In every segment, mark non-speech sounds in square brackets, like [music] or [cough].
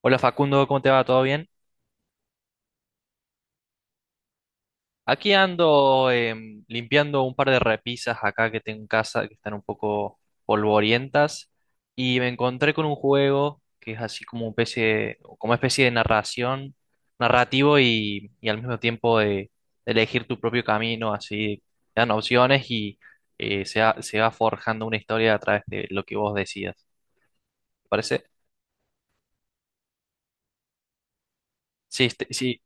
Hola Facundo, ¿cómo te va? ¿Todo bien? Aquí ando limpiando un par de repisas acá que tengo en casa que están un poco polvorientas y me encontré con un juego que es así como una especie de, como especie de narración, narrativo y al mismo tiempo de elegir tu propio camino, así te dan opciones y se va forjando una historia a través de lo que vos decidas. ¿Te parece? Sí, sí.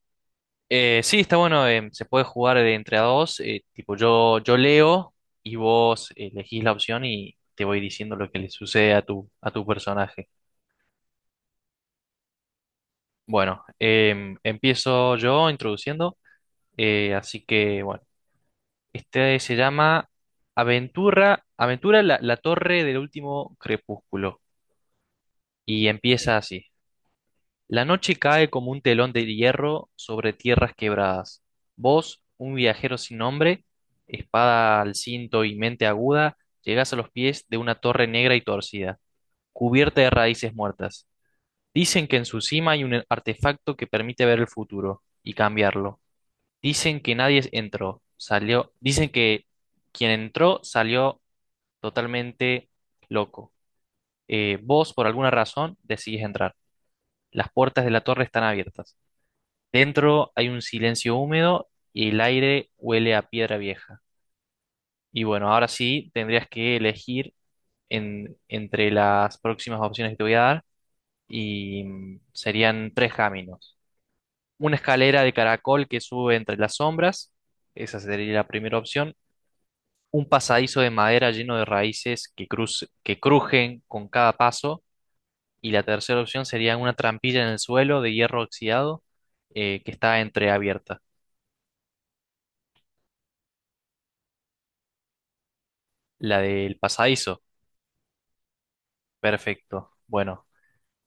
Sí, está bueno, se puede jugar de entre a dos, tipo yo leo y vos elegís la opción y te voy diciendo lo que le sucede a tu personaje. Bueno, empiezo yo introduciendo, así que bueno, este se llama Aventura, Aventura la Torre del Último Crepúsculo y empieza así. La noche cae como un telón de hierro sobre tierras quebradas. Vos, un viajero sin nombre, espada al cinto y mente aguda, llegás a los pies de una torre negra y torcida, cubierta de raíces muertas. Dicen que en su cima hay un artefacto que permite ver el futuro y cambiarlo. Dicen que nadie entró, salió, dicen que quien entró salió totalmente loco. Vos, por alguna razón, decidís entrar. Las puertas de la torre están abiertas. Dentro hay un silencio húmedo y el aire huele a piedra vieja. Y bueno, ahora sí tendrías que elegir entre las próximas opciones que te voy a dar y serían tres caminos. Una escalera de caracol que sube entre las sombras, esa sería la primera opción. Un pasadizo de madera lleno de raíces que crujen con cada paso. Y la tercera opción sería una trampilla en el suelo de hierro oxidado, que está entreabierta, la del pasadizo. Perfecto. Bueno,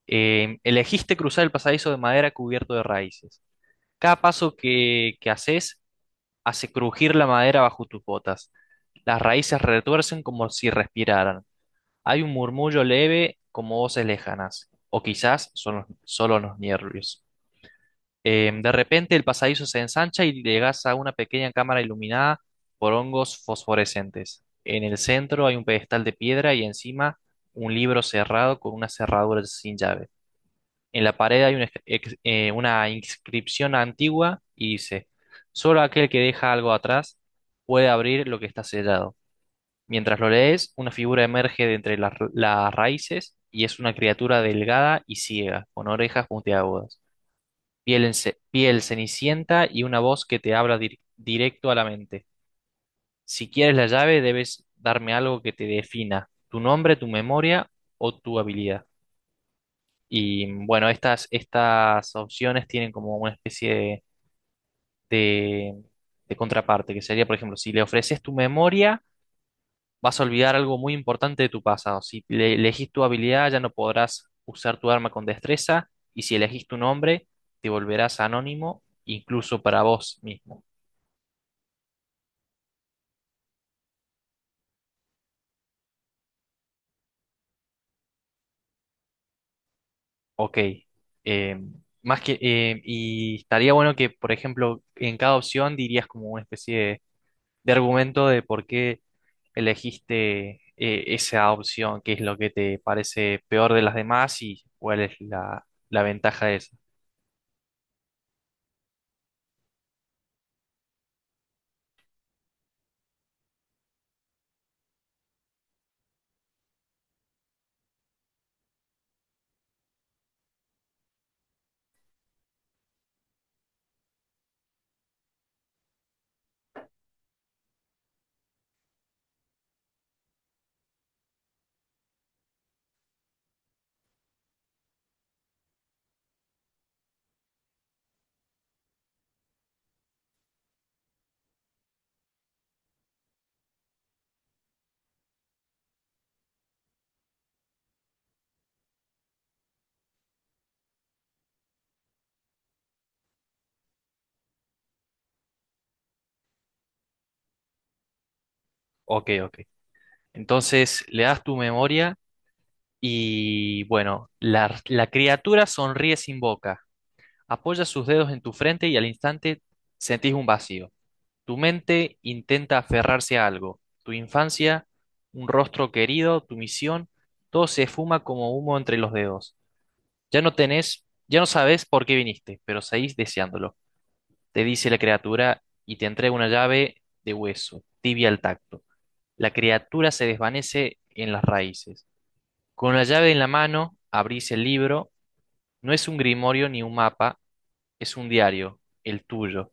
elegiste cruzar el pasadizo de madera cubierto de raíces. Cada paso que haces hace crujir la madera bajo tus botas. Las raíces retuercen como si respiraran. Hay un murmullo leve como voces lejanas, o quizás son solo los nervios. De repente el pasadizo se ensancha y llegas a una pequeña cámara iluminada por hongos fosforescentes. En el centro hay un pedestal de piedra y encima un libro cerrado con una cerradura sin llave. En la pared hay una inscripción antigua y dice, solo aquel que deja algo atrás puede abrir lo que está sellado. Mientras lo lees, una figura emerge de entre las raíces y es una criatura delgada y ciega, con orejas puntiagudas, piel cenicienta y una voz que te habla directo a la mente. Si quieres la llave, debes darme algo que te defina, tu nombre, tu memoria o tu habilidad. Y bueno, estas opciones tienen como una especie de, de- de contraparte, que sería, por ejemplo, si le ofreces tu memoria, vas a olvidar algo muy importante de tu pasado. Si le elegís tu habilidad, ya no podrás usar tu arma con destreza, y si elegís tu nombre, te volverás anónimo, incluso para vos mismo. Ok. Eh, más que, y estaría bueno que, por ejemplo, en cada opción dirías como una especie de argumento de por qué elegiste, esa opción, qué es lo que te parece peor de las demás y cuál es la ventaja de esa. Ok, ok. Entonces le das tu memoria y bueno, la criatura sonríe sin boca, apoya sus dedos en tu frente y al instante sentís un vacío. Tu mente intenta aferrarse a algo, tu infancia, un rostro querido, tu misión, todo se esfuma como humo entre los dedos. Ya no tenés, ya no sabes por qué viniste, pero seguís deseándolo. Te dice la criatura y te entrega una llave de hueso, tibia al tacto. La criatura se desvanece en las raíces. Con la llave en la mano, abrís el libro. No es un grimorio ni un mapa, es un diario, el tuyo.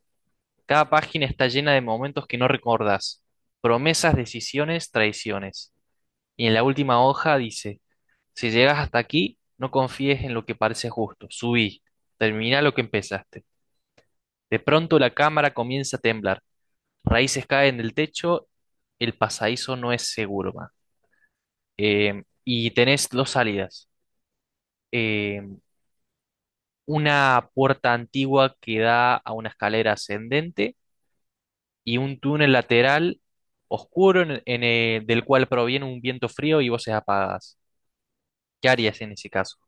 Cada página está llena de momentos que no recordás, promesas, decisiones, traiciones. Y en la última hoja dice, si llegas hasta aquí, no confíes en lo que parece justo. Subí, termina lo que empezaste. De pronto la cámara comienza a temblar. Raíces caen del techo. El pasadizo no es seguro, ma. Y tenés dos salidas. Eh, una puerta antigua que da a una escalera ascendente y un túnel lateral oscuro del cual proviene un viento frío y voces apagadas. ¿Qué harías en ese caso?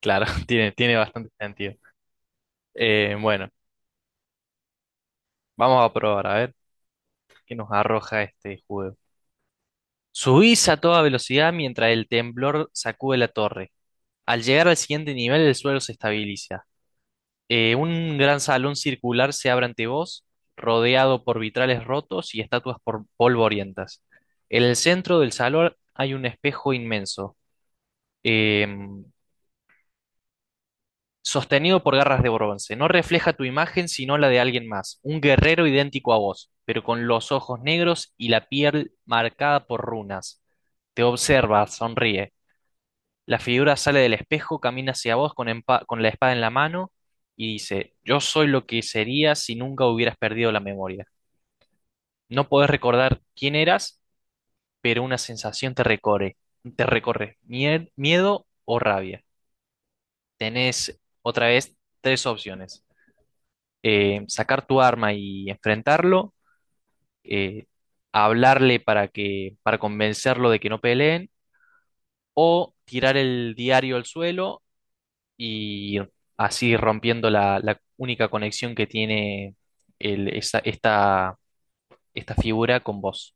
Claro, [laughs] tiene bastante sentido. Bueno, vamos a probar a ver qué nos arroja este juego. Subís a toda velocidad mientras el temblor sacude la torre. Al llegar al siguiente nivel, el suelo se estabiliza. Un gran salón circular se abre ante vos, rodeado por vitrales rotos y estatuas por polvorientas. En el centro del salón hay un espejo inmenso, em, sostenido por garras de bronce. No refleja tu imagen, sino la de alguien más, un guerrero idéntico a vos, pero con los ojos negros y la piel marcada por runas. Te observa, sonríe. La figura sale del espejo, camina hacia vos con, con la espada en la mano y dice, yo soy lo que sería si nunca hubieras perdido la memoria. No podés recordar quién eras, pero una sensación te recorre, miedo o rabia. Tenés otra vez tres opciones. Sacar tu arma y enfrentarlo, eh, hablarle para convencerlo de que no peleen, o tirar el diario al suelo y así rompiendo la única conexión que tiene esta, esta figura con vos.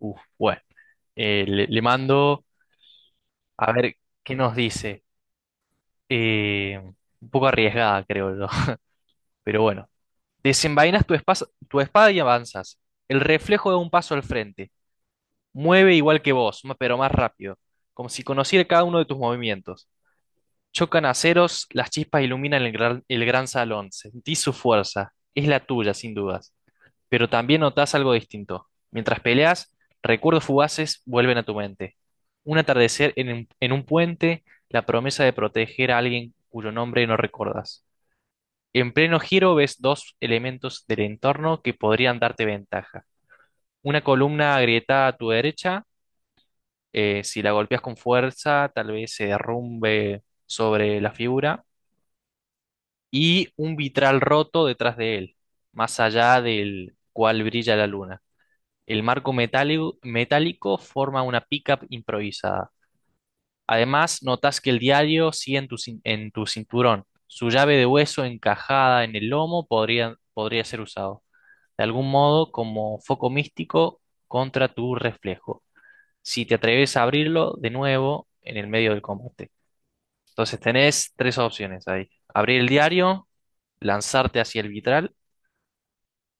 Uf, bueno, le mando a ver qué nos dice. Eh, un poco arriesgada, creo yo. [laughs] Pero bueno, desenvainas tu espada y avanzas. El reflejo da un paso al frente. Mueve igual que vos, pero más rápido, como si conociera cada uno de tus movimientos. Chocan aceros, las chispas iluminan el gran salón. Sentís su fuerza. Es la tuya, sin dudas. Pero también notás algo distinto. Mientras peleas, recuerdos fugaces vuelven a tu mente. Un atardecer en, en un puente, la promesa de proteger a alguien cuyo nombre no recordas. En pleno giro ves dos elementos del entorno que podrían darte ventaja. Una columna agrietada a tu derecha, si la golpeas con fuerza, tal vez se derrumbe sobre la figura y un vitral roto detrás de él, más allá del cual brilla la luna. El marco metálico, metálico forma una pickup improvisada. Además, notas que el diario sigue en en tu cinturón. Su llave de hueso encajada en el lomo podría ser usado, de algún modo, como foco místico contra tu reflejo. Si te atreves a abrirlo de nuevo en el medio del combate. Entonces tenés tres opciones ahí. Abrir el diario, lanzarte hacia el vitral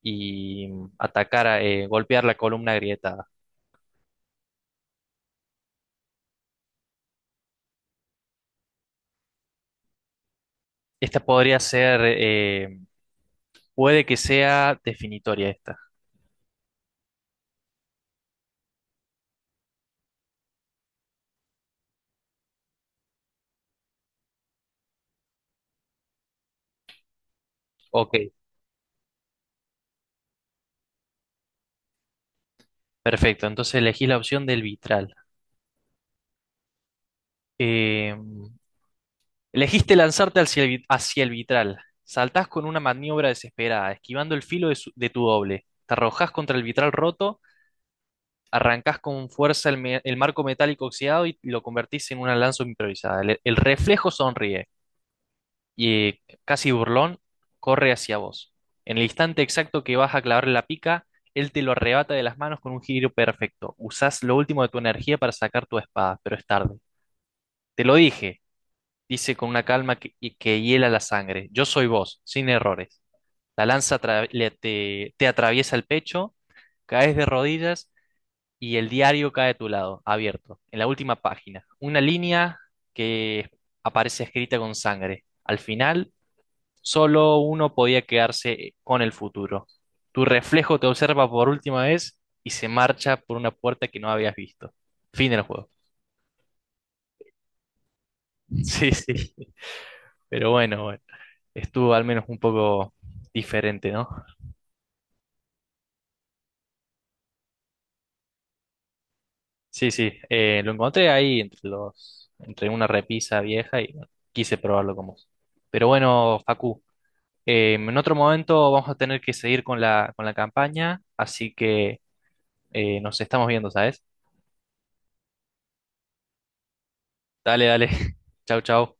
y atacar, golpear la columna agrietada. Esta podría ser, puede que sea definitoria esta. Ok, perfecto. Entonces elegí la opción del vitral. Eh, elegiste lanzarte hacia hacia el vitral. Saltás con una maniobra desesperada, esquivando el filo de, de tu doble. Te arrojás contra el vitral roto, arrancás con fuerza el marco metálico oxidado y lo convertís en una lanza improvisada. El reflejo sonríe. Y casi burlón, corre hacia vos. En el instante exacto que vas a clavarle la pica, él te lo arrebata de las manos con un giro perfecto. Usás lo último de tu energía para sacar tu espada, pero es tarde. Te lo dije, dice con una calma que hiela la sangre. Yo soy vos, sin errores. La lanza te atraviesa el pecho, caes de rodillas y el diario cae a tu lado, abierto, en la última página. Una línea que aparece escrita con sangre. Al final, solo uno podía quedarse con el futuro. Tu reflejo te observa por última vez y se marcha por una puerta que no habías visto. Fin del juego. [laughs] Sí, sí. Pero bueno, bueno. Estuvo al menos un poco diferente, ¿no? Sí, sí. Lo encontré ahí entre los, entre una repisa vieja y bueno, quise probarlo como. Pero bueno, Facu, en otro momento vamos a tener que seguir con con la campaña, así que nos estamos viendo, ¿sabes? Dale, dale. [laughs] Chau, chau.